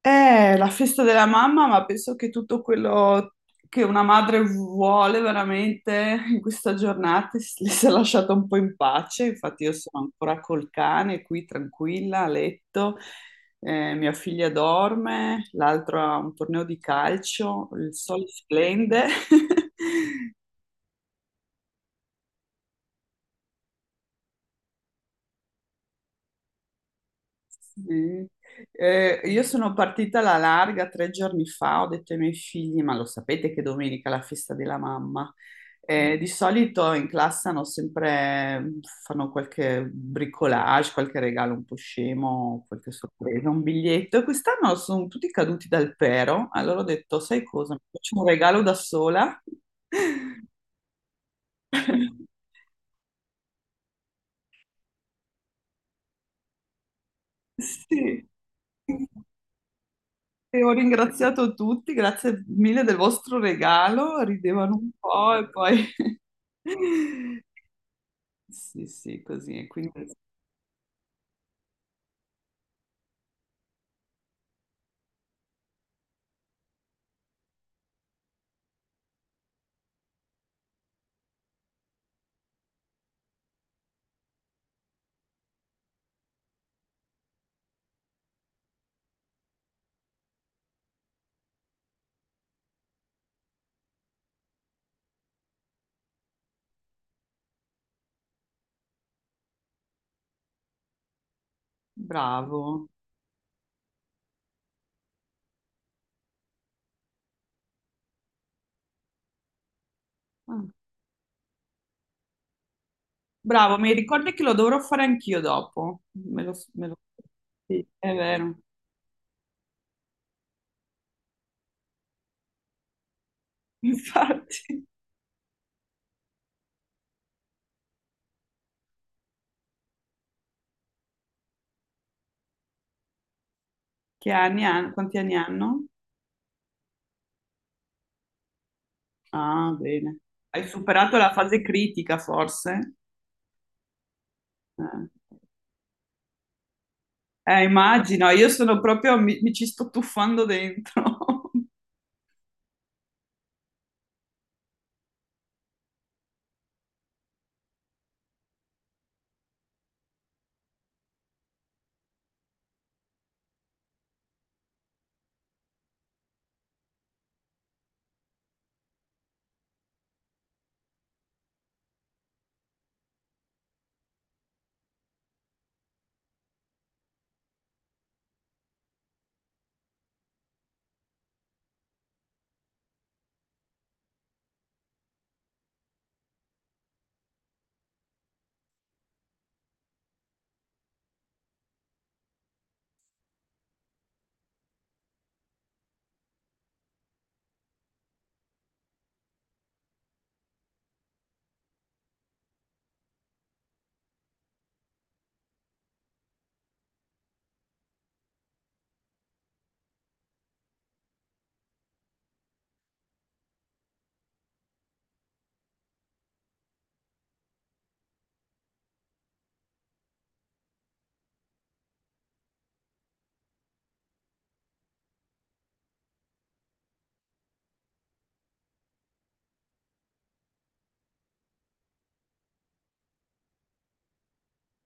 È la festa della mamma, ma penso che tutto quello che una madre vuole veramente in questa giornata le si è lasciato un po' in pace. Infatti, io sono ancora col cane qui tranquilla a letto. Mia figlia dorme, l'altro ha un torneo di calcio, il sole splende. Sì. Io sono partita alla larga tre giorni fa, ho detto ai miei figli, ma lo sapete che domenica è la festa della mamma. Di solito in classe hanno fanno qualche bricolage, qualche regalo un po' scemo, qualche sorpresa, un biglietto. E quest'anno sono tutti caduti dal pero, allora ho detto, sai cosa, mi faccio un regalo da sola. Sì. E ho ringraziato tutti, grazie mille del vostro regalo, ridevano un po' e poi... Sì, sì, così, e quindi bravo. Ah, bravo, mi ricordi che lo dovrò fare anch'io dopo. Sì, è vero. Infatti, che anni hanno? Quanti anni hanno? Ah, bene. Hai superato la fase critica, forse? Eh, immagino, io sono proprio, mi ci sto tuffando dentro.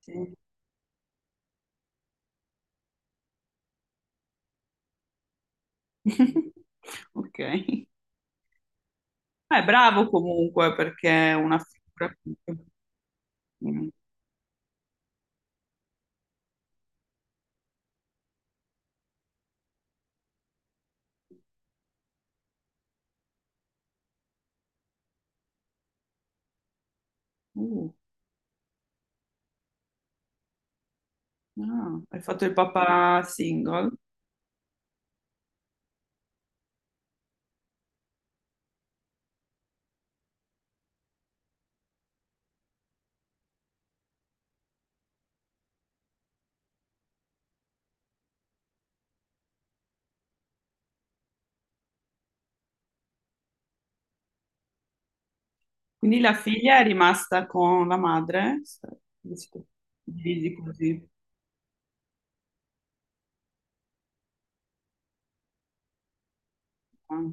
Sì. Ok. Ah, è bravo comunque perché è una figura. Mm. Uh, ah, hai fatto il papà single. Quindi la figlia è rimasta con la madre? Sì, sì, sì. Divisi così. Ah.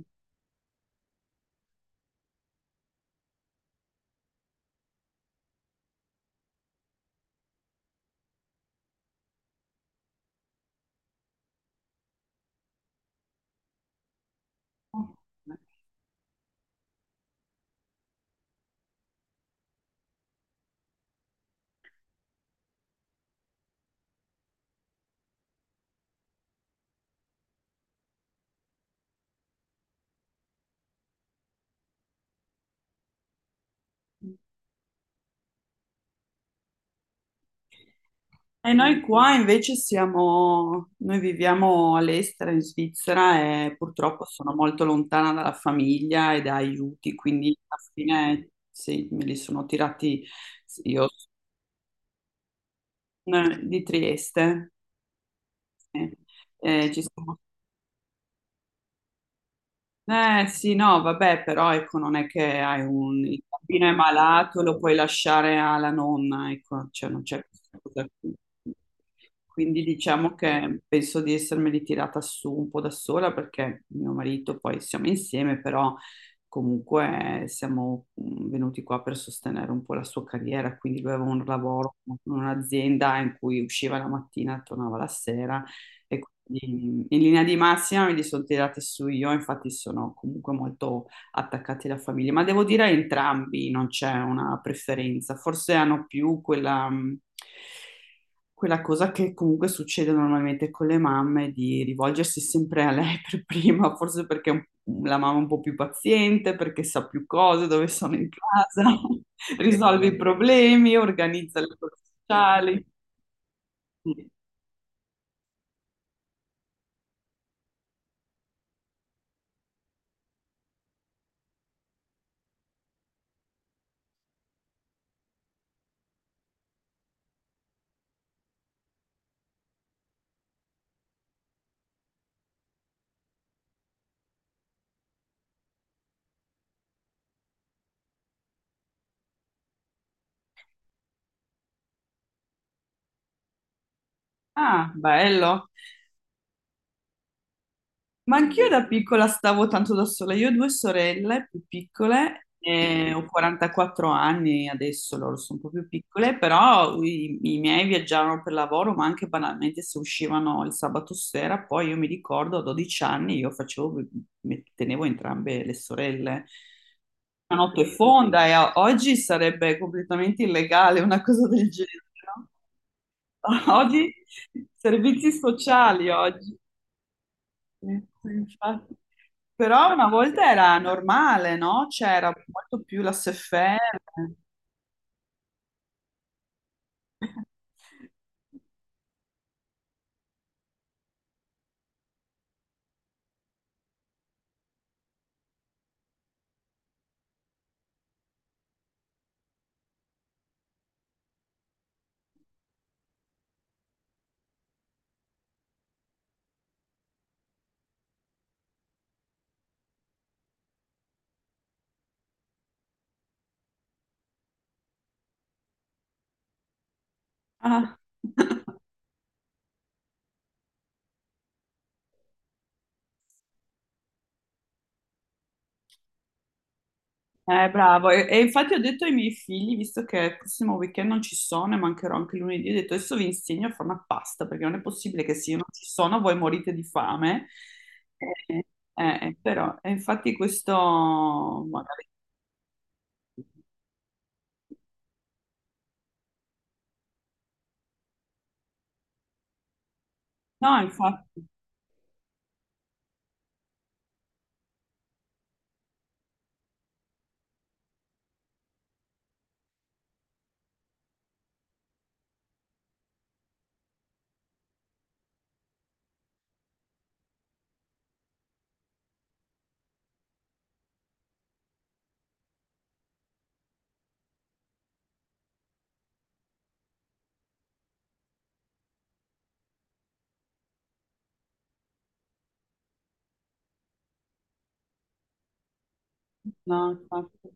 E noi qua invece siamo, noi viviamo all'estero in Svizzera e purtroppo sono molto lontana dalla famiglia e da aiuti, quindi alla fine sì, me li sono tirati io, di Trieste. Sì. Eh, ci siamo- sì, no, vabbè, però ecco, non è che hai un... Il bambino è malato, lo puoi lasciare alla nonna, ecco, cioè non c'è questa cosa qui. Quindi diciamo che penso di essermeli tirata su un po' da sola perché mio marito poi siamo insieme, però comunque siamo venuti qua per sostenere un po' la sua carriera, quindi lui aveva un lavoro in un'azienda in cui usciva la mattina e tornava la sera. E quindi in linea di massima me li sono tirati su io, infatti sono comunque molto attaccati alla famiglia, ma devo dire entrambi non c'è una preferenza, forse hanno più quella cosa che comunque succede normalmente con le mamme di rivolgersi sempre a lei per prima, forse perché la mamma è un po' più paziente, perché sa più cose, dove sono in casa, risolve i problemi, organizza le cose sociali. Ah, bello. Ma anch'io da piccola stavo tanto da sola. Io ho due sorelle più piccole, e ho 44 anni adesso, loro sono un po' più piccole, però i miei viaggiavano per lavoro, ma anche banalmente se uscivano il sabato sera, poi io mi ricordo a 12 anni io tenevo entrambe le sorelle. Una notte fonda e oggi sarebbe completamente illegale una cosa del genere, no? Oggi servizi sociali, oggi. Sì, sì, infatti. Però una volta era normale, no? C'era molto più la SFR. Ah. Bravo. E infatti ho detto ai miei figli, visto che il prossimo weekend non ci sono e mancherò anche lunedì, ho detto adesso vi insegno a fare una pasta, perché non è possibile che se io non ci sono voi morite di fame. Però, e infatti questo magari... No, infatti, no, infatti.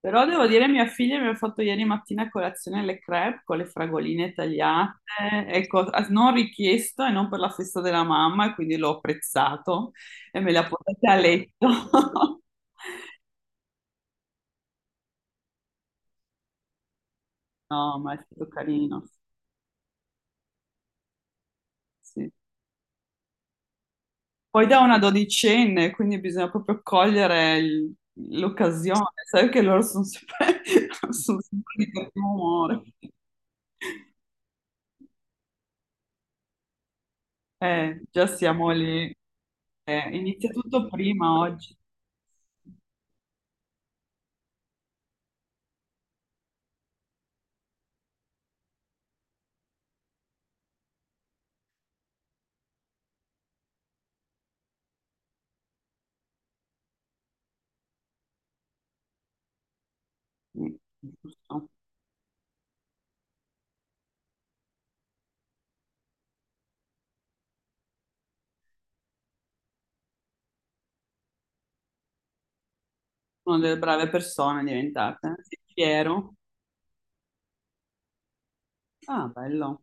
Però devo dire, mia figlia mi ha fatto ieri mattina a colazione le crepe con le fragoline tagliate, ecco, non richiesto e non per la festa della mamma, e quindi l'ho apprezzato e me le ha portate a letto. No, ma è stato carino. Sì. Poi da una dodicenne, quindi bisogna proprio cogliere l'occasione, sai che loro sono sempre, sono sempre di cattivo umore. Già siamo lì, eh, inizia tutto prima oggi. Giusto. Una delle brave persone diventate. Sì, fiero. Ah, bello.